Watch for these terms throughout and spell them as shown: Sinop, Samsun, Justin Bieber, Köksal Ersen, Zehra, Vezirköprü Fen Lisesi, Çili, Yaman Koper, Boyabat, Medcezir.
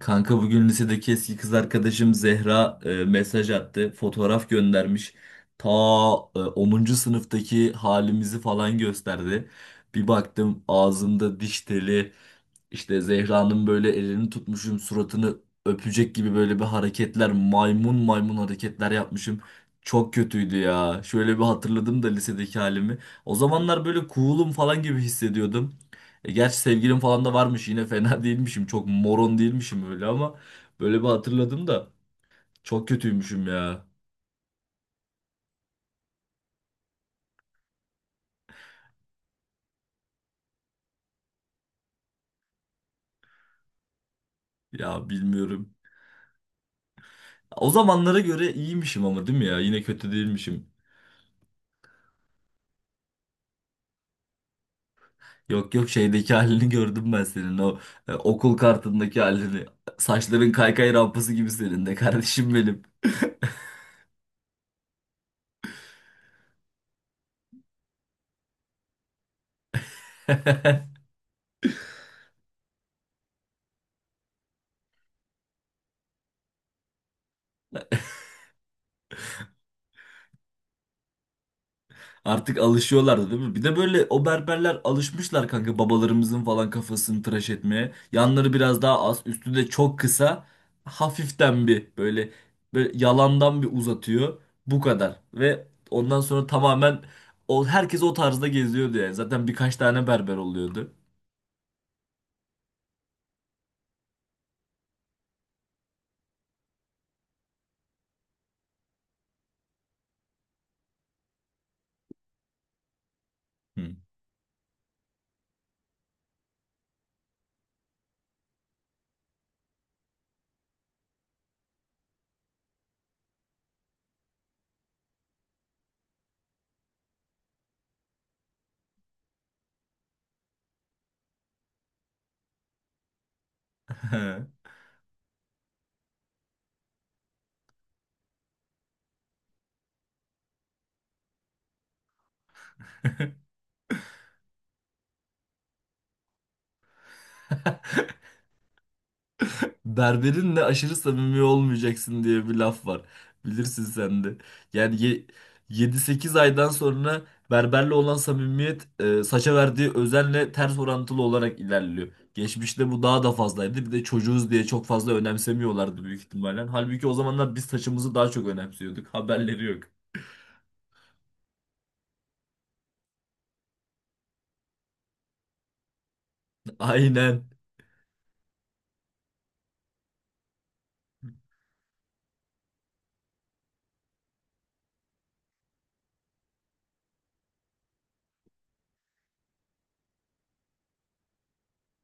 Kanka bugün lisedeki eski kız arkadaşım Zehra mesaj attı. Fotoğraf göndermiş. Ta 10. sınıftaki halimizi falan gösterdi. Bir baktım ağzımda diş teli. İşte Zehra'nın böyle elini tutmuşum, suratını öpecek gibi böyle bir hareketler, maymun maymun hareketler yapmışım. Çok kötüydü ya. Şöyle bir hatırladım da lisedeki halimi. O zamanlar böyle cool'um falan gibi hissediyordum. E gerçi sevgilim falan da varmış yine fena değilmişim. Çok moron değilmişim öyle ama böyle bir hatırladım da çok kötüymüşüm ya. Ya bilmiyorum. O zamanlara göre iyiymişim ama değil mi ya? Yine kötü değilmişim. Yok yok şeydeki halini gördüm ben senin o okul kartındaki halini. Saçların kaykay rampası gibi senin de kardeşim benim. Artık alışıyorlardı değil mi? Bir de böyle o berberler alışmışlar kanka babalarımızın falan kafasını tıraş etmeye. Yanları biraz daha az, üstü de çok kısa. Hafiften bir böyle yalandan bir uzatıyor. Bu kadar. Ve ondan sonra tamamen herkes o tarzda geziyordu yani. Zaten birkaç tane berber oluyordu. Hı. Berberinle aşırı samimi olmayacaksın diye bir laf var. Bilirsin sen de. Yani 7-8 aydan sonra berberle olan samimiyet saça verdiği özenle ters orantılı olarak ilerliyor. Geçmişte bu daha da fazlaydı. Bir de çocuğuz diye çok fazla önemsemiyorlardı büyük ihtimalle. Halbuki o zamanlar biz saçımızı daha çok önemsiyorduk. Haberleri yok. Aynen.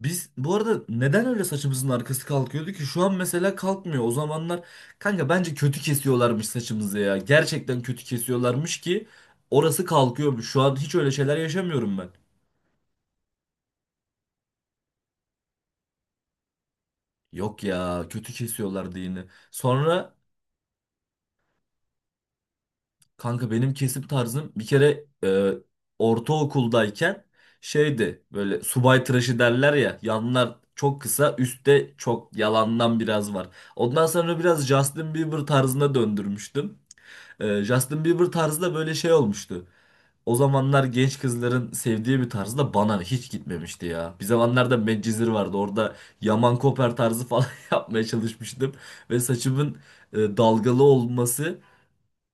Biz bu arada neden öyle saçımızın arkası kalkıyordu ki? Şu an mesela kalkmıyor. O zamanlar kanka bence kötü kesiyorlarmış saçımızı ya. Gerçekten kötü kesiyorlarmış ki orası kalkıyormuş. Şu an hiç öyle şeyler yaşamıyorum ben. Yok ya kötü kesiyorlardı yine. Sonra kanka benim kesim tarzım bir kere ortaokuldayken şeydi böyle subay tıraşı derler ya yanlar çok kısa üstte çok yalandan biraz var. Ondan sonra biraz Justin Bieber tarzına döndürmüştüm. Justin Bieber tarzı da böyle şey olmuştu. O zamanlar genç kızların sevdiği bir tarzı da bana hiç gitmemişti ya. Bir zamanlarda Medcezir vardı. Orada Yaman Koper tarzı falan yapmaya çalışmıştım. Ve saçımın dalgalı olması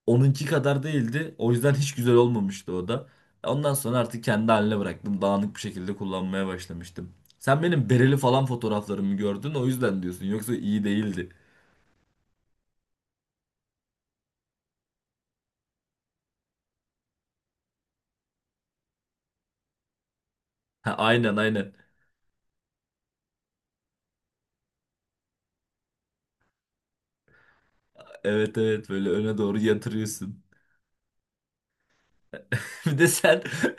onunki kadar değildi. O yüzden hiç güzel olmamıştı o da. Ondan sonra artık kendi haline bıraktım. Dağınık bir şekilde kullanmaya başlamıştım. Sen benim bereli falan fotoğraflarımı gördün o yüzden diyorsun. Yoksa iyi değildi. Ha, aynen aynen. Evet evet böyle öne doğru yatırıyorsun. Bir de sen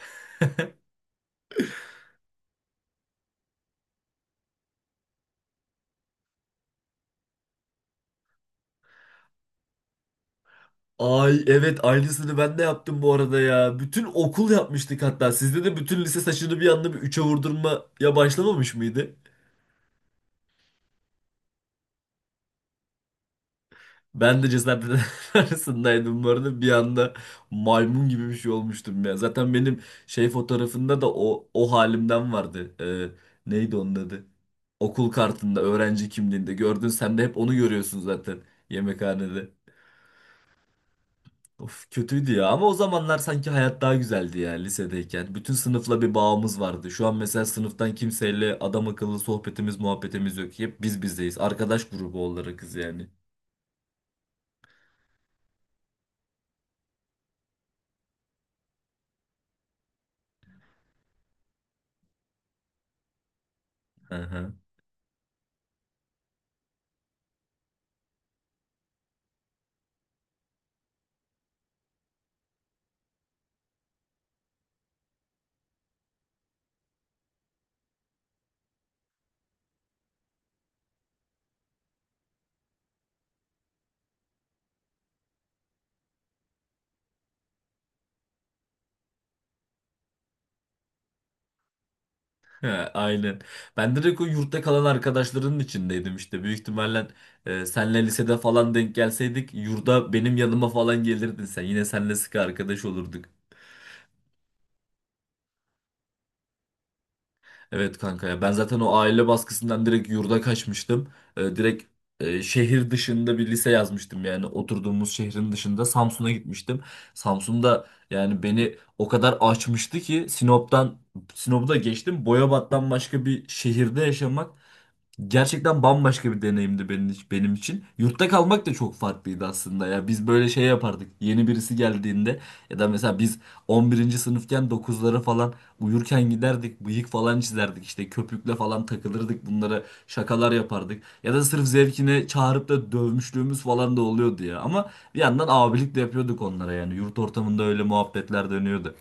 ay evet aynısını ben de yaptım bu arada ya. Bütün okul yapmıştık hatta. Sizde de bütün lise saçını bir anda bir üçe vurdurmaya başlamamış mıydı? Ben de cezaevleri arasındaydım bu arada. Bir anda maymun gibi bir şey olmuştum ya. Zaten benim şey fotoğrafında da o halimden vardı. Neydi onun adı? Okul kartında, öğrenci kimliğinde gördün. Sen de hep onu görüyorsun zaten yemekhanede. Of, kötüydü ya ama o zamanlar sanki hayat daha güzeldi ya lisedeyken. Bütün sınıfla bir bağımız vardı. Şu an mesela sınıftan kimseyle adam akıllı sohbetimiz muhabbetimiz yok. Hep biz bizdeyiz. Arkadaş grubu olarakız yani. Hı hı. Ha, aynen. Ben direkt o yurtta kalan arkadaşların içindeydim işte. Büyük ihtimalle senle lisede falan denk gelseydik yurda benim yanıma falan gelirdin sen. Yine senle sıkı arkadaş olurduk. Evet kanka ya ben zaten o aile baskısından direkt yurda kaçmıştım. Direkt şehir dışında bir lise yazmıştım yani oturduğumuz şehrin dışında Samsun'a gitmiştim. Samsun'da yani beni o kadar açmıştı ki Sinop'u da geçtim. Boyabat'tan başka bir şehirde yaşamak gerçekten bambaşka bir deneyimdi benim için. Yurtta kalmak da çok farklıydı aslında ya. Biz böyle şey yapardık. Yeni birisi geldiğinde ya da mesela biz 11. sınıfken 9'lara falan uyurken giderdik. Bıyık falan çizerdik. İşte köpükle falan takılırdık. Bunlara şakalar yapardık. Ya da sırf zevkine çağırıp da dövmüşlüğümüz falan da oluyordu ya. Ama bir yandan abilik de yapıyorduk onlara yani. Yurt ortamında öyle muhabbetler dönüyordu.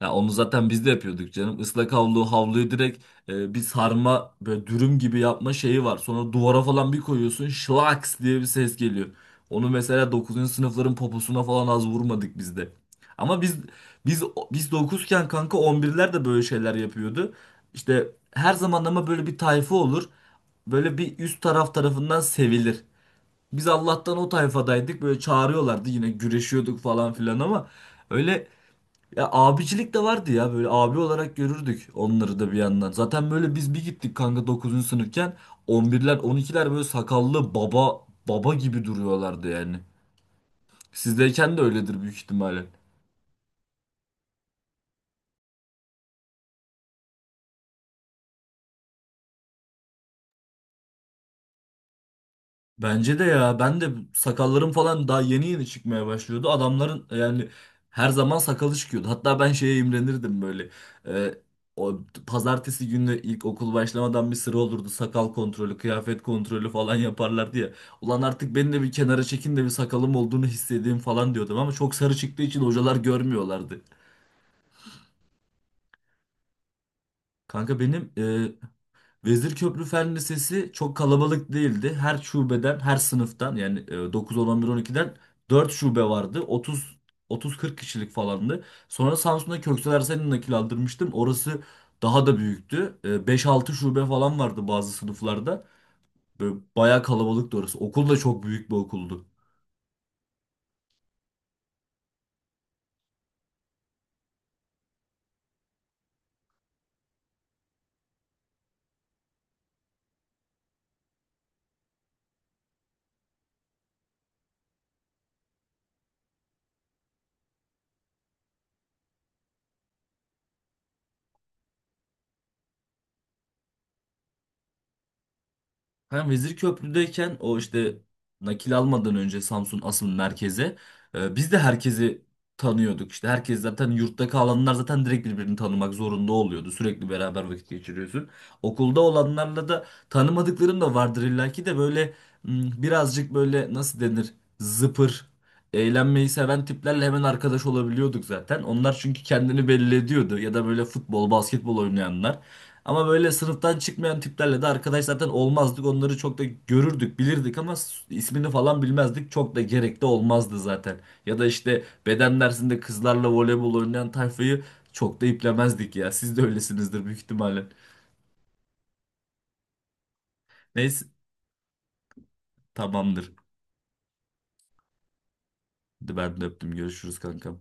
Ya onu zaten biz de yapıyorduk canım. Havluyu direkt bir sarma böyle dürüm gibi yapma şeyi var. Sonra duvara falan bir koyuyorsun şlaks diye bir ses geliyor. Onu mesela dokuzuncu sınıfların poposuna falan az vurmadık biz de. Ama biz biz dokuzken kanka 11'ler de böyle şeyler yapıyordu. İşte her zaman ama böyle bir tayfa olur. Böyle bir üst taraf tarafından sevilir. Biz Allah'tan o tayfadaydık. Böyle çağırıyorlardı yine güreşiyorduk falan filan ama öyle ya abicilik de vardı ya böyle abi olarak görürdük onları da bir yandan. Zaten böyle biz bir gittik kanka 9. sınıfken 11'ler 12'ler böyle sakallı baba baba gibi duruyorlardı yani. Sizdeyken de öyledir büyük ihtimalle. Bence de ya ben de sakallarım falan daha yeni yeni çıkmaya başlıyordu. Adamların yani her zaman sakalı çıkıyordu. Hatta ben şeye imrenirdim böyle. Ee, o pazartesi günü ilk okul başlamadan bir sıra olurdu. Sakal kontrolü, kıyafet kontrolü falan yaparlardı ya. Ulan artık beni de bir kenara çekin de bir sakalım olduğunu hissedeyim falan diyordum ama çok sarı çıktığı için hocalar görmüyorlardı. Kanka benim Vezirköprü Fen Lisesi çok kalabalık değildi. Her şubeden, her sınıftan yani 9, 10, 11, 12'den 4 şube vardı. 30 30-40 kişilik falandı. Sonra Samsun'da Köksal Ersen'i nakil aldırmıştım. Orası daha da büyüktü. E, 5-6 şube falan vardı bazı sınıflarda. Böyle bayağı kalabalıktı orası. Okul da çok büyük bir okuldu. Ben Vezirköprü'deyken o işte nakil almadan önce Samsun asıl merkeze biz de herkesi tanıyorduk. İşte herkes zaten yurtta kalanlar zaten direkt birbirini tanımak zorunda oluyordu. Sürekli beraber vakit geçiriyorsun. Okulda olanlarla da tanımadıkların da vardır illaki de böyle m, birazcık böyle nasıl denir zıpır eğlenmeyi seven tiplerle hemen arkadaş olabiliyorduk zaten. Onlar çünkü kendini belli ediyordu ya da böyle futbol, basketbol oynayanlar. Ama böyle sınıftan çıkmayan tiplerle de arkadaş zaten olmazdık. Onları çok da görürdük, bilirdik ama ismini falan bilmezdik. Çok da gerekli olmazdı zaten. Ya da işte beden dersinde kızlarla voleybol oynayan tayfayı çok da iplemezdik ya. Siz de öylesinizdir büyük ihtimalle. Neyse tamamdır. Hadi ben de öptüm. Görüşürüz kanka.